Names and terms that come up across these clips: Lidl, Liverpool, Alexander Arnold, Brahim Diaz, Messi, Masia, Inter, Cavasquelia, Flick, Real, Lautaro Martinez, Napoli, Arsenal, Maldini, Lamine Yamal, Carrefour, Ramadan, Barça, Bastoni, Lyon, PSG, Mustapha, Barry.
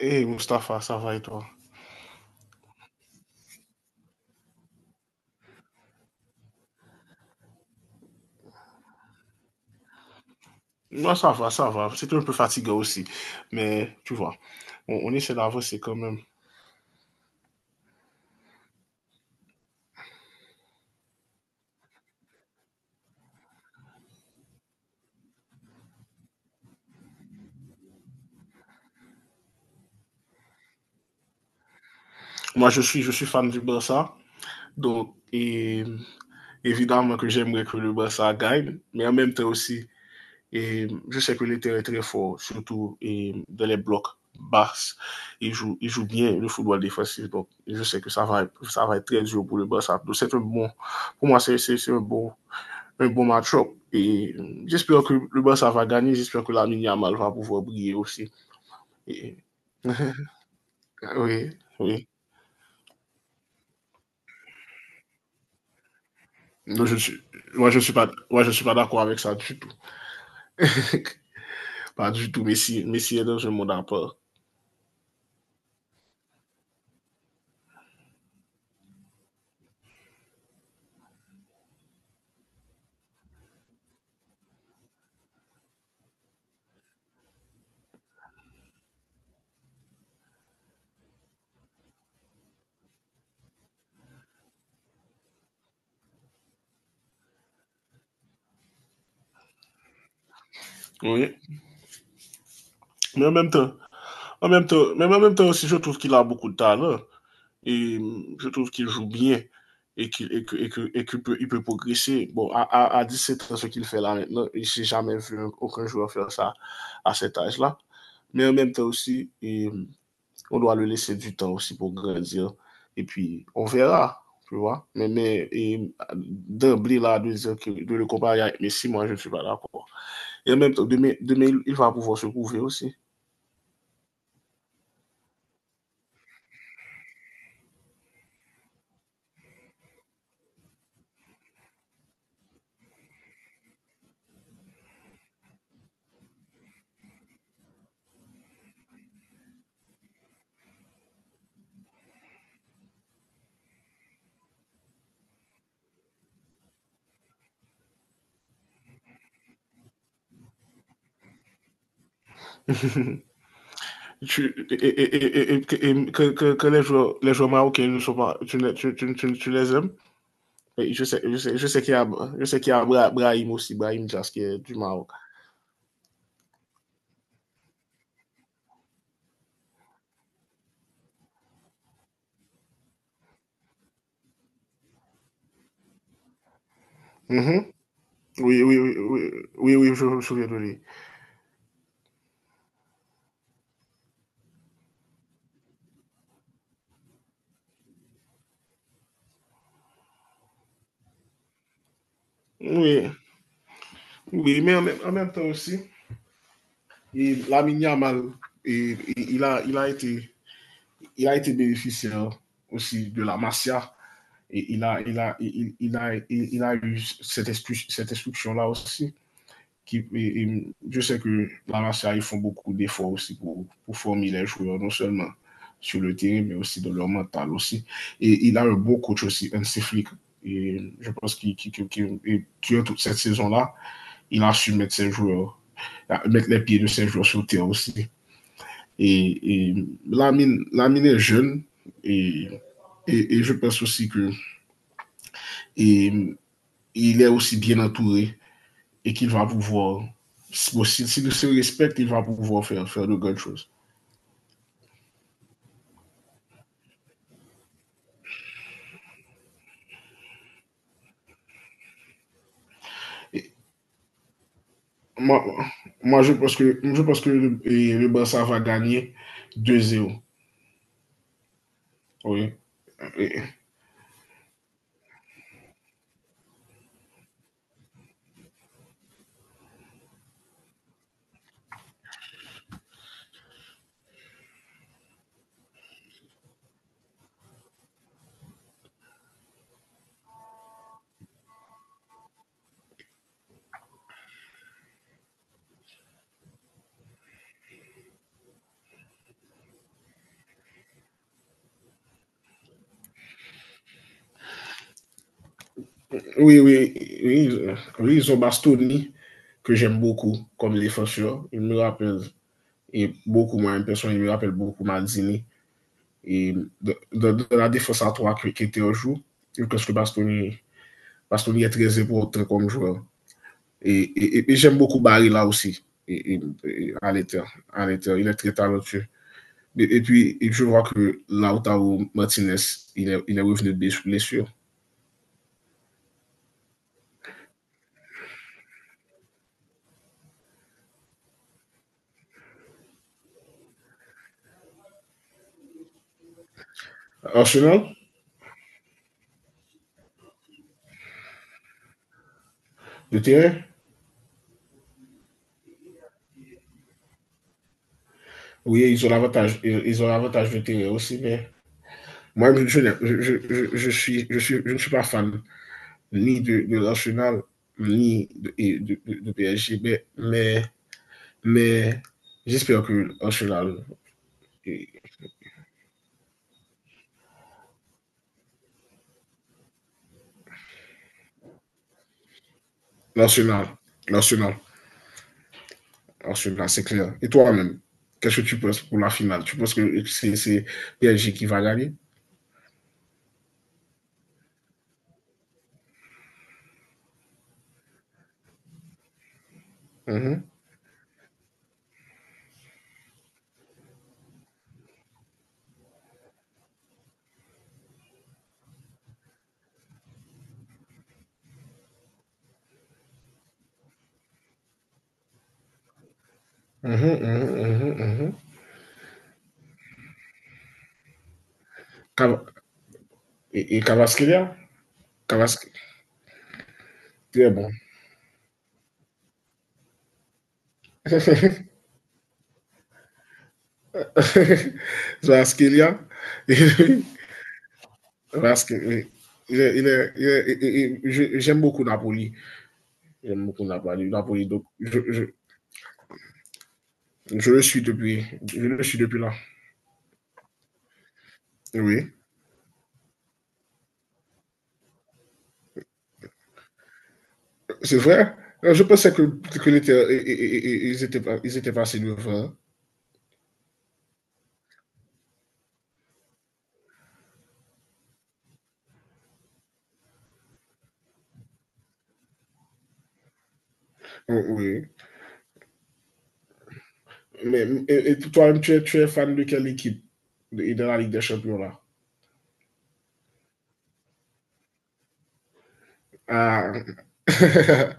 Hey Mustapha, ça va et toi? Moi, ça va, ça va. C'était un peu fatigué aussi. Mais tu vois, on essaie d'avancer quand même. Moi, je suis fan du Barça. Donc, et, évidemment que j'aimerais que le Barça gagne. Mais en même temps aussi, et, je sais que l'Inter est très fort, surtout et, dans les blocs bas. Il joue bien le football défensif. Donc, je sais que ça va être très dur pour le Barça. Donc, c'est un bon, pour moi, c'est un bon match-up. Et j'espère que le Barça va gagner. J'espère que la Yamal va pouvoir briller aussi. Et... oui, oui. Non, moi, je ne suis pas, moi, je suis pas d'accord avec ça du tout. Pas du tout. Messi est dans un monde à part. Oui. Mais en même temps, mais en même temps aussi, je trouve qu'il a beaucoup de talent. Et je trouve qu'il joue bien et que, il peut progresser. Bon, à 17 ans, ce qu'il fait là maintenant, je n'ai jamais vu aucun joueur faire ça à cet âge-là. Mais en même temps aussi, et on doit le laisser du temps aussi pour grandir. Et puis, on verra, tu vois. Mais et d'emblée, là, de le comparer avec Messi, moi, je ne suis pas d'accord. Et en même temps, demain, va pouvoir se prouver aussi. Tu- et, et- et- et- que, les joueurs marocains ne sont pas, tu, les- tu les aimes. Et je sais qu'il y a, je sais qu'il y a Brahim aussi, Brahim Diaz qui est du Maroc. Mhm. Oui, oui, oui, oui, oui, oui, je me souviens de lui. Oui. Oui, mais en même temps aussi, Lamine Yamal, et, et, il, a, il, a été, il a été bénéficiaire aussi de la Masia. Et il a eu cette, cette instruction-là aussi. Qui, et je sais que la Masia, ils font beaucoup d'efforts aussi pour former les joueurs, non seulement sur le terrain, mais aussi dans leur mental aussi. Et il a un beau coach aussi, un Flick. Et je pense qu'il qu'il qui, toute cette saison-là, il a su mettre ses joueurs, mettre les pieds de ses joueurs sur le terrain aussi. Et Lamine est jeune et, et, je pense aussi que et, il est aussi bien entouré et qu'il va pouvoir, bon, si, s'il se respecte, il va pouvoir faire, faire de grandes choses. Et moi, moi, je pense que le Barça va gagner 2-0. Oui. Oui, oui, oui, oui, ils ont Bastoni, que j'aime beaucoup comme défenseur. Il me rappelle et beaucoup moins une personne, il me rappelle beaucoup Maldini, et de la défense à trois qui était au jour, je pense que Bastoni est très important comme joueur. Et j'aime beaucoup Barry là aussi, et à l'intérieur, il est très talentueux. Et puis, et je vois que Lautaro Martinez, il est revenu de blessure. Arsenal, le terrain, oui, ils ont l'avantage de terrain aussi, mais moi, je ne suis pas fan ni de, de l'Arsenal, ni de, de PSG. Mais j'espère que l'Arsenal, l'Arsenal, l'Arsenal, c'est clair. Et toi-même, qu'est-ce que tu penses pour la finale? Tu penses que c'est PSG qui va gagner? Mm -hmm, mm -hmm, mm -hmm, et Cavasquelia. Cavasquelia, bon. Cavasquelia. il est, il est, il est, il est, il est, j'aime beaucoup Napoli. Il y a mot qu'on n'a pas lu, la police. Donc, je le suis depuis. Je le suis depuis là. Oui. C'est vrai. Je pensais que ils, étaient, pas- ils étaient passés devant. Oui. Mais et toi-même, tu es fan de quelle équipe de la Ligue des Champions là? Ah.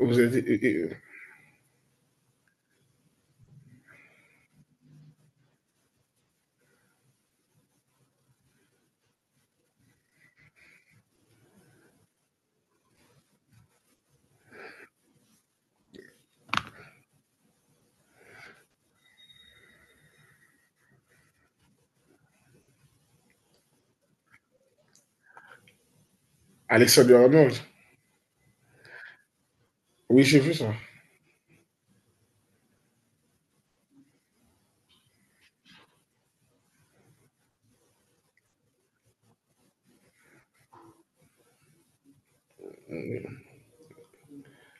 Vous êtes, et- Alexander Arnold. Oui, j'ai vu ça.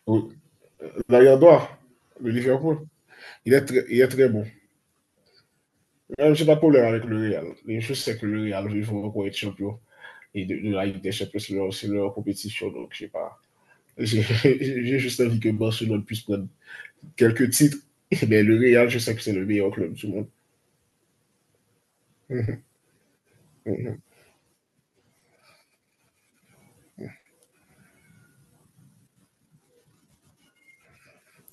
Oui. L'arrière droit de Liverpool. Il est très bon. Même, j'ai pas de problème avec le Real. Mais je sais que le Real, il faut encore être champion. Et de la Ligue des Champions, c'est leur compétition. Donc, je sais pas. J'ai- j'ai juste envie que Barcelone puisse prendre quelques titres. Mais le Real, je sais que c'est le meilleur club du monde. Mhm.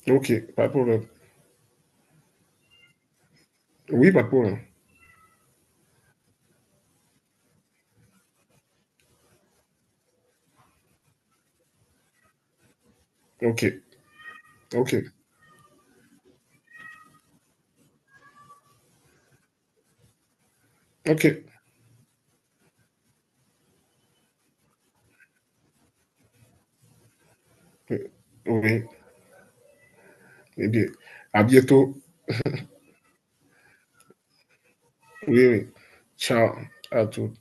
Ok, pas de problème. Oui, pas de problème. Ok, ok, ok. Oui, eh bien, à bientôt. Oui, oui. Ciao à tous.